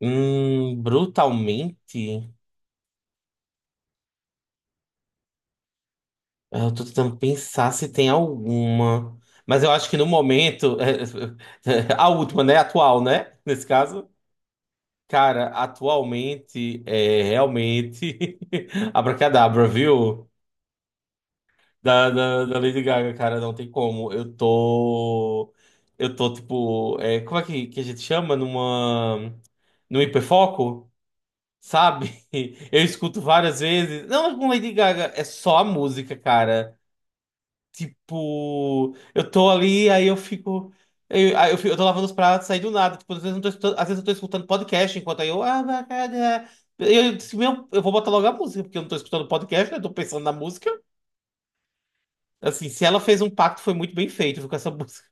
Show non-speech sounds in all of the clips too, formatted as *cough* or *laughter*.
Hum, brutalmente, eu tô tentando pensar se tem alguma. Mas eu acho que no momento, *laughs* a última, né? Atual, né? Nesse caso. Cara, atualmente é realmente *laughs* Abracadabra, viu? Da Lady Gaga, cara, não tem como. Eu tô. Eu tô tipo. É como é que, a gente chama? Numa. Num hiperfoco? Sabe? *laughs* Eu escuto várias vezes. Não, é com Lady Gaga, é só a música, cara. Tipo, eu tô ali, aí eu fico. Eu tô lavando os pratos, aí do nada. Tipo, às vezes eu tô escutando, às vezes eu tô escutando podcast enquanto aí eu. Ah, vai, cara, é. Eu, disse, meu, eu vou botar logo a música, porque eu não tô escutando podcast, né? Eu tô pensando na música. Assim, se ela fez um pacto, foi muito bem feito viu, com essa *laughs* música.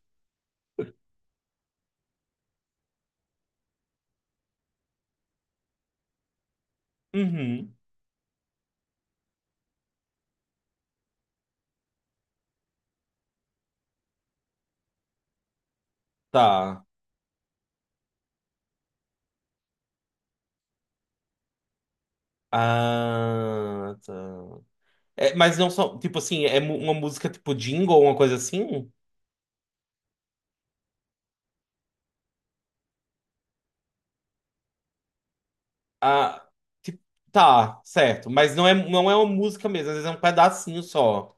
Uhum. Tá. Ah, tá. É, mas não só. Tipo assim, é mu- uma música tipo jingle ou uma coisa assim? Ah, tipo, tá, certo. Mas não é, não é uma música mesmo, às vezes é um pedacinho só.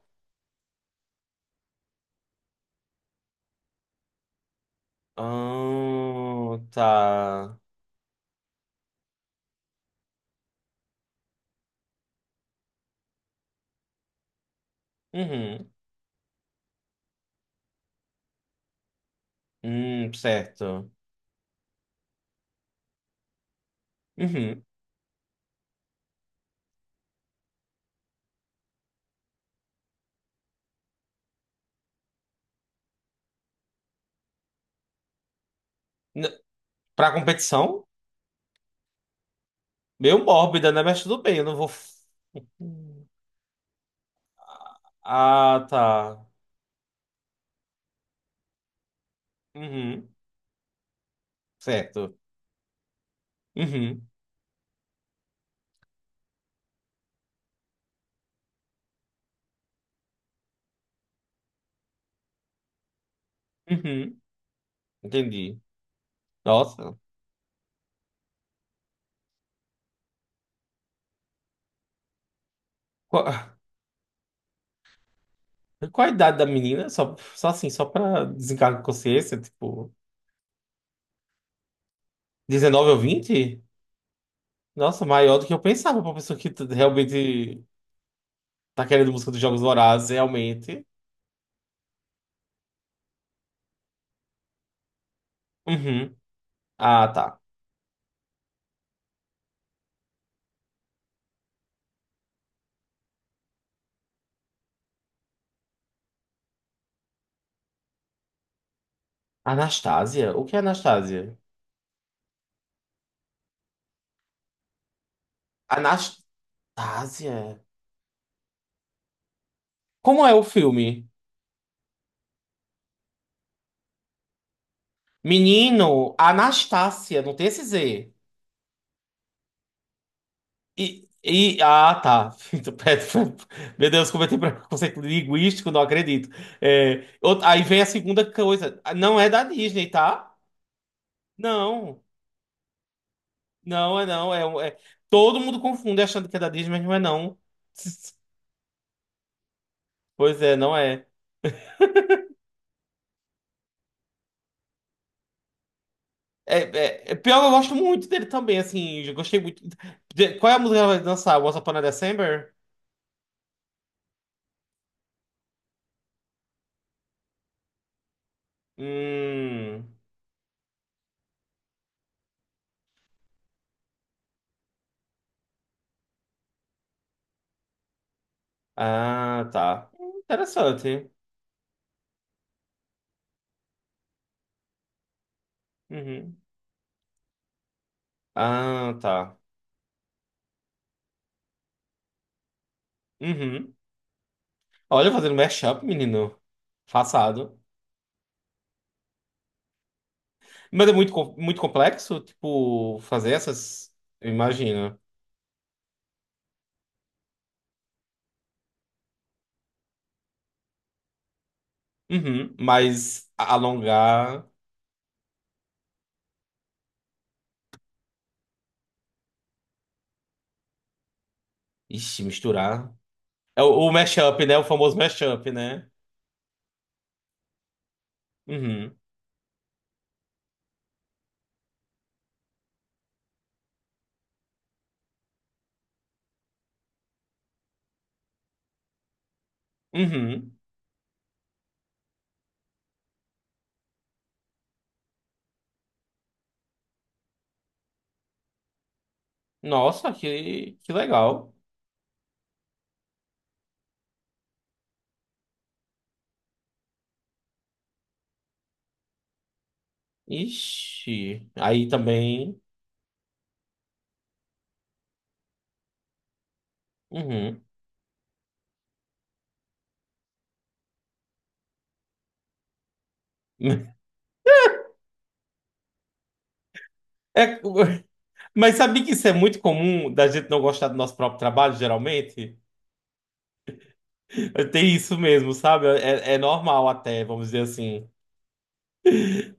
Ah, tá. Uhum. Certo. Uhum. N- Pra competição? Meio mórbida, né? Mas tudo bem, eu não vou. Hum. Ah, tá. Uhum. Certo. Uhum. Uhum. Entendi. Nossa. Qual, *laughs* qual a idade da menina? Só, só assim, só pra desencargo de consciência, tipo, 19 ou 20. Nossa, maior do que eu pensava pra pessoa que t- realmente tá querendo música dos Jogos Vorazes, realmente. Uhum. Ah, tá. Anastásia? O que é Anastásia? Anastásia? Como é o filme? Menino, Anastácia, não tem esse Z. E ah, tá. *laughs* Então, pera- Meu Deus, cometi preconceito linguístico, não acredito. É, out- aí vem a segunda coisa. Ah, não é da Disney, tá? Não, não é não. É, um- é- todo mundo confunde achando que é da Disney, mas não é não. *laughs* Pois é, não é. É, é, é pior, eu gosto muito dele também, assim, eu gostei muito. De- qual é a música que ela vai dançar? Once Upon a December? Hum. Ah, tá. Interessante. Uhum. Ah, tá. Uhum. Olha, fazendo mashup, menino. Façado. Mas é muito, com- muito complexo, tipo, fazer essas. Eu imagino. Uhum. Mas a- alongar. Ixi, misturar. É o mashup, né? O famoso mashup, né? Uhum. Uhum. Nossa, que legal. Ixi. Aí também. Uhum. *laughs* É, mas sabia que isso é muito comum da gente não gostar do nosso próprio trabalho, geralmente? Tem isso mesmo, sabe? É, é normal até, vamos dizer assim.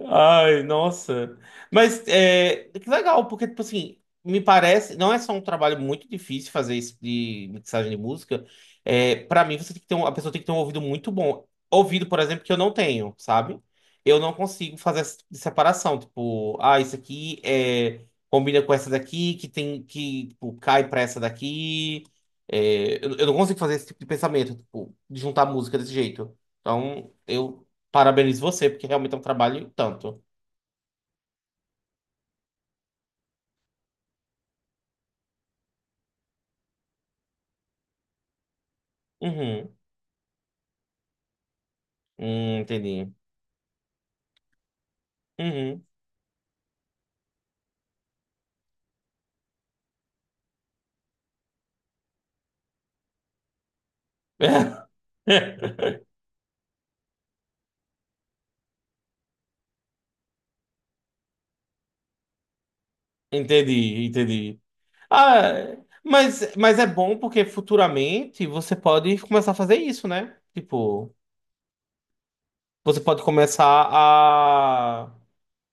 Ai, nossa. Mas é, que legal, porque, tipo assim, me parece, não é só um trabalho muito difícil fazer isso de mixagem de música. É, para mim, você tem que ter um, a pessoa tem que ter um ouvido muito bom. Ouvido, por exemplo, que eu não tenho, sabe? Eu não consigo fazer essa separação. Tipo, ah, isso aqui é, combina com essa daqui, que tem que, tipo, cai pra essa daqui. Eu não consigo fazer esse tipo de pensamento, tipo, de juntar música desse jeito. Então, eu parabenizo você, porque realmente é um trabalho e o tanto. Uhum. Entendi. Uhum. *laughs* Entendi, entendi. Ah, mas é bom porque futuramente você pode começar a fazer isso, né? Tipo, você pode começar a,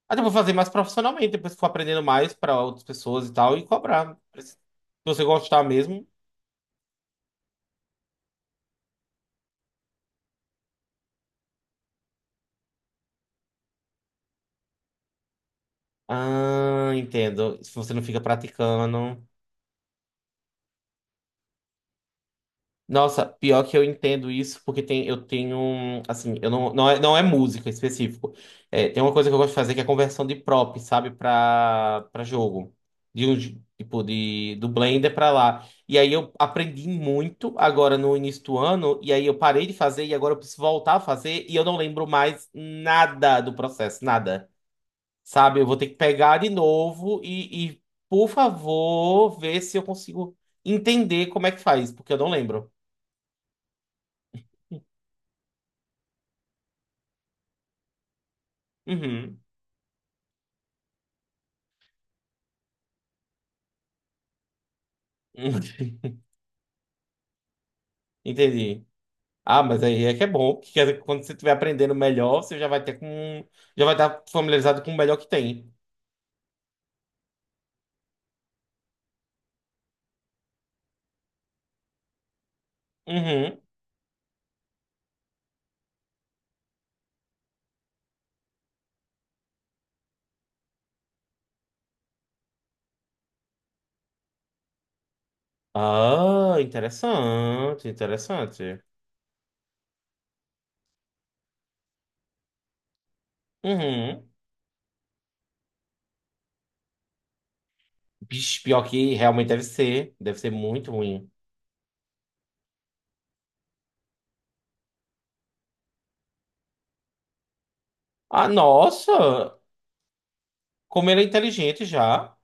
a tipo, fazer mais profissionalmente, depois for aprendendo mais para outras pessoas e tal, e cobrar. Se você gostar mesmo. Ah, entendo. Se você não fica praticando. Nossa, pior que eu entendo isso, porque tem, eu tenho, um- assim, eu não, não é, não é música em específico. É, tem uma coisa que eu gosto de fazer que é conversão de prop, sabe, pra jogo. De um, j- tipo, de, do Blender pra lá. E aí eu aprendi muito agora no início do ano, e aí eu parei de fazer, e agora eu preciso voltar a fazer, e eu não lembro mais nada do processo, nada. Sabe, eu vou ter que pegar de novo e por favor, ver se eu consigo entender como é que faz, porque eu não lembro. Uhum. *laughs* Entendi. Ah, mas aí é que é bom, que quer dizer que quando você estiver aprendendo melhor, você já vai ter com, já vai estar familiarizado com o melhor que tem. Uhum. Ah, interessante, interessante. Uhum. Bicho, pior que realmente deve ser muito ruim. Ah, nossa, como ele é inteligente já.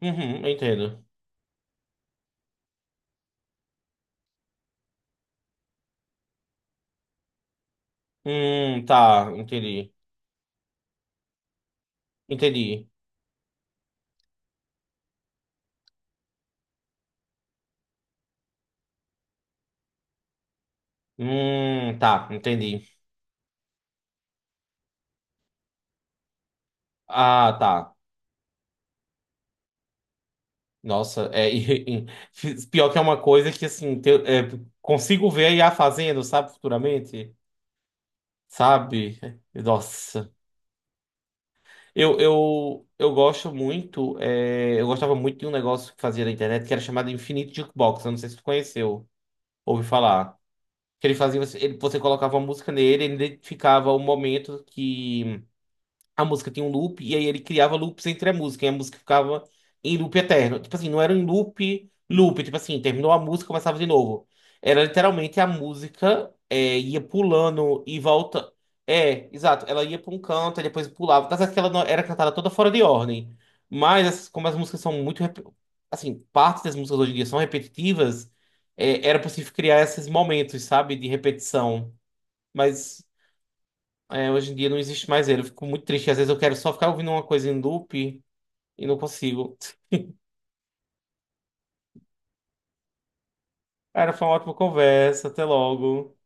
Uhum, eu entendo. Tá, entendi. Entendi. Tá, entendi. Ah, tá. Nossa, é e- pior que é uma coisa que assim te- é, consigo ver a IA fazendo, sabe, futuramente, sabe? Nossa, eu gosto muito, é, eu gostava muito de um negócio que fazia na internet que era chamado Infinite Jukebox, eu não sei se tu conheceu, ouvi falar. Que ele fazia, você- ele, você colocava uma música nele, ele identificava o momento que a música tinha um loop, e aí ele criava loops entre a música, e a música ficava em loop eterno. Tipo assim, não era um loop, loop, tipo assim, terminou a música, começava de novo. Era literalmente a música é, ia pulando e volta. É, exato, ela ia para um canto, e depois pulava. Tá certo que ela não- era cantada toda fora de ordem. Mas essas- como as músicas são muito. Rep- Assim, parte das músicas hoje em dia são repetitivas, é, era possível criar esses momentos, sabe, de repetição. Mas. É, hoje em dia não existe mais ele. Eu fico muito triste. Às vezes eu quero só ficar ouvindo uma coisa em loop e não consigo. Cara, foi uma ótima conversa. Até logo.